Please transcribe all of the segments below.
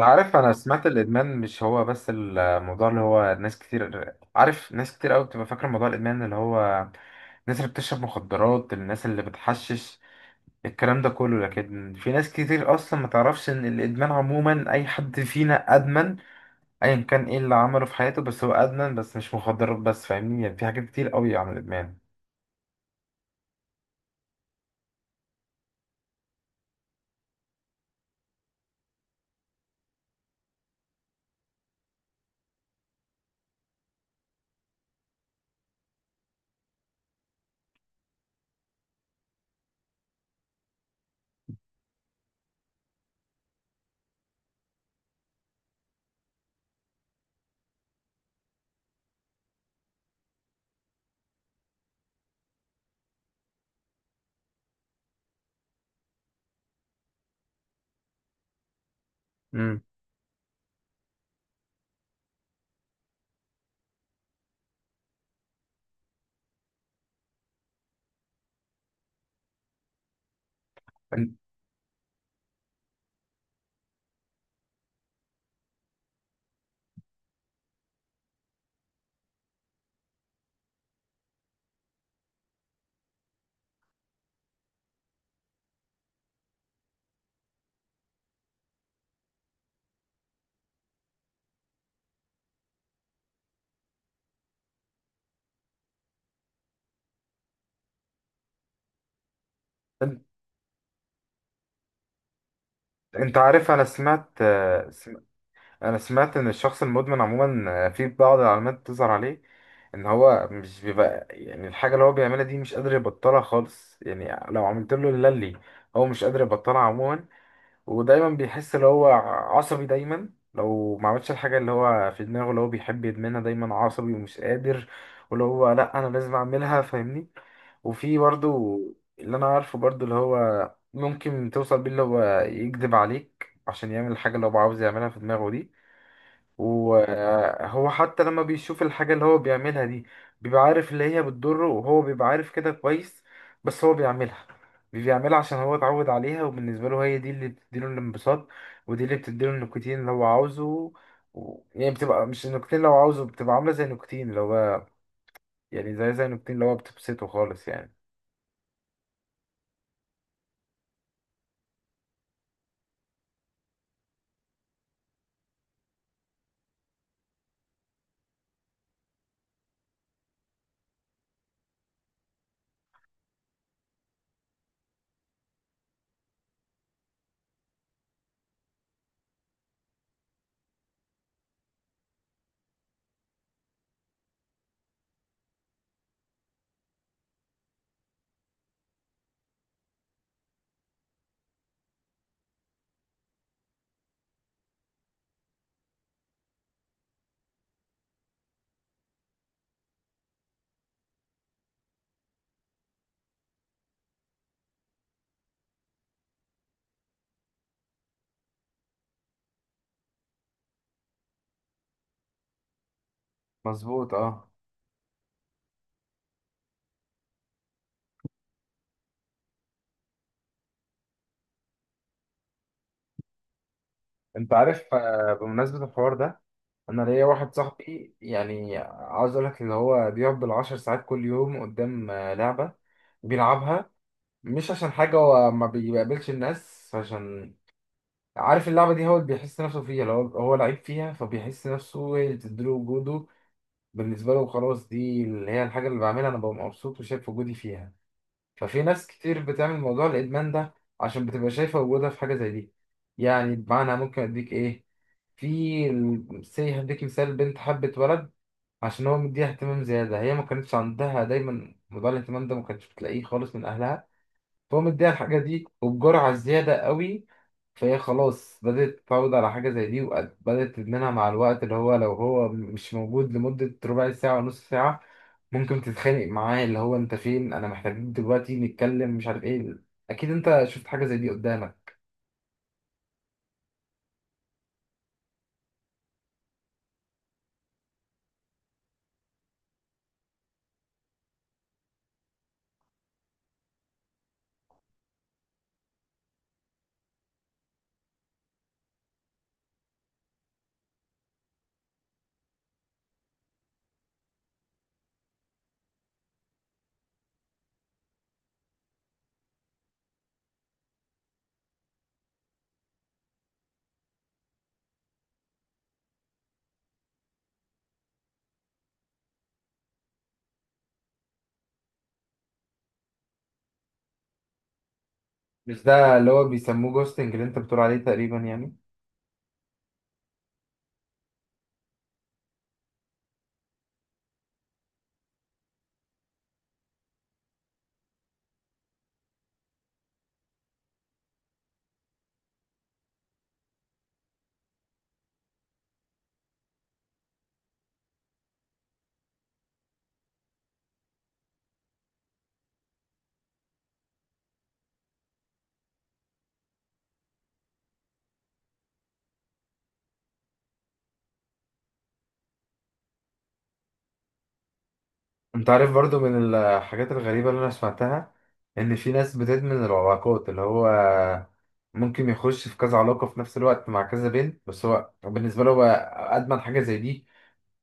عارف، انا سمعت الادمان مش هو بس الموضوع اللي هو ناس كتير. عارف ناس كتير قوي بتبقى فاكره موضوع الادمان اللي هو الناس اللي بتشرب مخدرات، الناس اللي بتحشش الكلام ده كله. لكن في ناس كتير اصلا ما تعرفش ان الادمان عموما اي حد فينا ادمن ايا كان ايه اللي عمله في حياته، بس هو ادمن، بس مش مخدرات بس. فاهمني؟ يعني في حاجات كتير قوي عن الادمان. امم. انت انت عارف، انا سمعت ان الشخص المدمن عموما في بعض العلامات تظهر عليه ان هو مش بيبقى، يعني الحاجه اللي هو بيعملها دي مش قادر يبطلها خالص. يعني لو عملت له اللي هو مش قادر يبطلها عموما. ودايما بيحس ان هو عصبي دايما لو ما عملش الحاجه اللي هو في دماغه اللي هو بيحب يدمنها، دايما عصبي ومش قادر. واللي هو لا انا لازم اعملها، فاهمني؟ وفي برضو اللي انا عارفه برضو، اللي هو ممكن توصل بيه اللي هو يكذب عليك عشان يعمل الحاجة اللي هو عاوز يعملها في دماغه دي. وهو حتى لما بيشوف الحاجة اللي هو بيعملها دي، بيبقى عارف اللي هي بتضره وهو بيبقى عارف كده كويس. بس هو بيعملها عشان هو اتعود عليها، وبالنسبة له هي دي اللي بتديله الانبساط، ودي اللي بتديله النيكوتين اللي هو عاوزه. يعني بتبقى مش النيكوتين اللي هو عاوزه، بتبقى عاملة زي النيكوتين اللي هو، يعني زي النيكوتين اللي هو بتبسطه خالص يعني. مظبوط اه. انت عارف، بمناسبة الحوار ده، انا ليا واحد صاحبي، يعني عاوز اقول لك اللي هو بيقعد بالعشر ساعات كل يوم قدام لعبة بيلعبها. مش عشان حاجة، هو ما بيقابلش الناس. عشان عارف اللعبة دي هو اللي بيحس نفسه فيها، لو هو لعيب فيها فبيحس نفسه هي اللي بتديله وجوده. بالنسبة له خلاص دي اللي هي الحاجة اللي بعملها، انا ببقى مبسوط وشايف وجودي فيها. ففي ناس كتير بتعمل موضوع الادمان ده عشان بتبقى شايفه وجودها في حاجه زي دي. يعني بمعنى ممكن اديك ايه، في سي هديك مثال، بنت حبت ولد عشان هو مديها اهتمام زياده، هي ما كانتش عندها دايما موضوع الاهتمام ده، ما كانتش بتلاقيه خالص من اهلها. فهو مديها الحاجه دي وبجرعه زياده قوي. فهي خلاص بدأت تتعود على حاجة زي دي وبدأت تدمنها مع الوقت، اللي هو لو هو مش موجود لمدة ربع ساعة ونص ساعة ممكن تتخانق معاه، اللي هو انت فين، انا محتاجين دلوقتي نتكلم مش عارف ايه. اكيد انت شفت حاجه زي دي قدامك. مش ده اللي هو بيسموه جوستنج اللي انت بتقول عليه تقريبا يعني؟ انت عارف برضو من الحاجات الغريبه اللي انا سمعتها ان في ناس بتدمن العلاقات، اللي هو ممكن يخش في كذا علاقه في نفس الوقت مع كذا بنت، بس هو بالنسبه له هو ادمن حاجه زي دي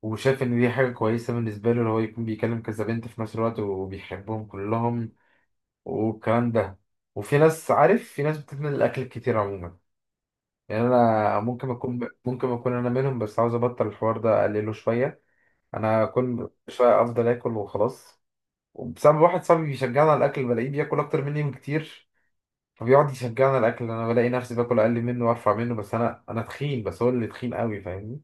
وشاف ان دي حاجه كويسه بالنسبه له، اللي هو يكون بيكلم كذا بنت في نفس الوقت وبيحبهم كلهم والكلام ده. وفي ناس، عارف، في ناس بتدمن الاكل كتير عموما. يعني انا ممكن اكون انا منهم، بس عاوز ابطل الحوار ده اقلله شويه. انا كل شويه افضل اكل وخلاص. وبسبب واحد صاحبي بيشجعني على الاكل، بلاقيه بياكل اكتر مني بكتير، فبيقعد يشجعني على الاكل. انا بلاقي نفسي باكل اقل منه وارفع منه، بس انا تخين بس هو اللي تخين قوي، فاهمني؟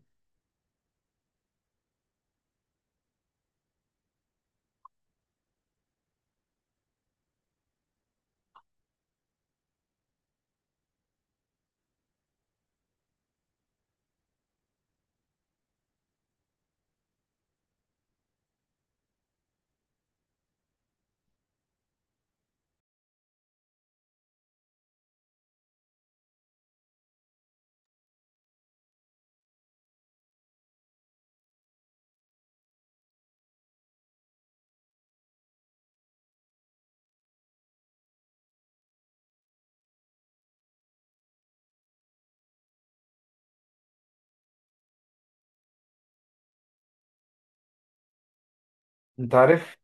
انت عارف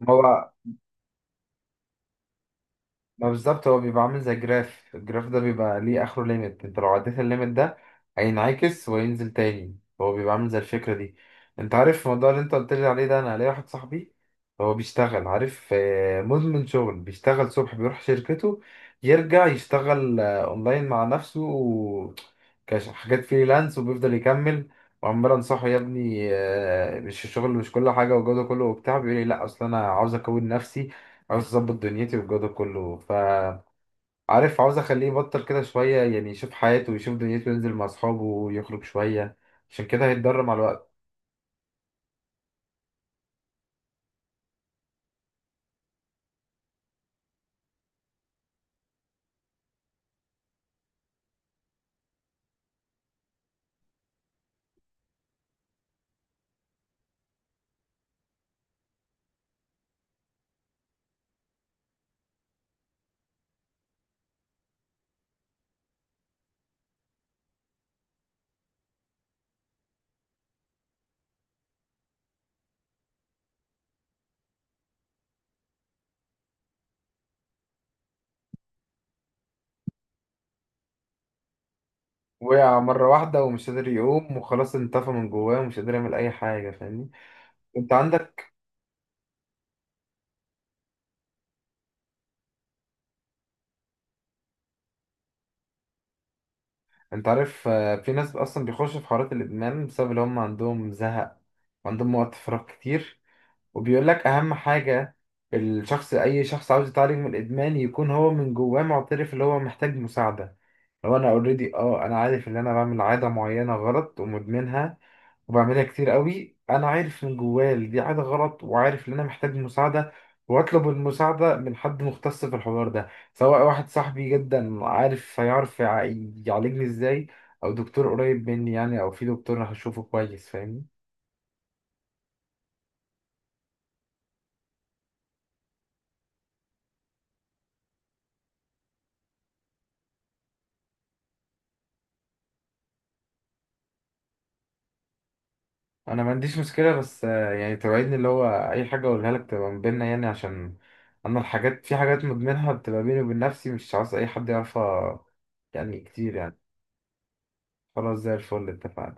موضوع ما بالظبط هو بيبقى عامل زي جراف، الجراف ده بيبقى ليه اخره ليميت، انت لو عديت الليميت ده هينعكس وينزل تاني، هو بيبقى عامل زي الفكرة دي. انت عارف الموضوع اللي انت قلت لي عليه ده، انا ليا واحد صاحبي هو بيشتغل، عارف، مدمن شغل. بيشتغل الصبح بيروح شركته، يرجع يشتغل اونلاين مع نفسه حاجات فريلانس، وبيفضل يكمل. وعمال انصحه، يا ابني مش الشغل مش كل حاجة والجو ده كله وبتاع، بيقول لي لا اصل انا عاوز اكون نفسي، عاوز اظبط دنيتي والجو ده كله. فعارف، عاوز اخليه يبطل كده شويه، يعني يشوف حياته ويشوف دنيته وينزل مع اصحابه ويخرج شويه، عشان كده هيتضرر مع الوقت. وقع مره واحده ومش قادر يقوم وخلاص، انطفى من جواه ومش قادر يعمل اي حاجه، فاهمني؟ انت عندك انت عارف، في ناس اصلا بيخشوا في حوارات الادمان بسبب ان هم عندهم زهق وعندهم وقت فراغ كتير. وبيقول لك اهم حاجه الشخص، اي شخص عاوز يتعالج من الادمان، يكون هو من جواه معترف اللي هو محتاج مساعده. هو انا اوريدي اه انا عارف ان انا بعمل عاده معينه غلط ومدمنها وبعملها كتير قوي، انا عارف من جوايا إن دي عاده غلط، وعارف ان انا محتاج مساعده، واطلب المساعده من حد مختص في الحوار ده. سواء واحد صاحبي جدا عارف هيعرف يعالجني ازاي، او دكتور قريب مني يعني، او في دكتور هشوفه كويس، فاهمني؟ انا ما عنديش مشكله، بس يعني توعدني اللي هو اي حاجه اقولها لك تبقى من بيننا، يعني عشان انا الحاجات، في حاجات مدمنها بتبقى بيني وبين نفسي مش عاوز اي حد يعرفها، يعني كتير يعني. خلاص زي الفل، اتفقنا.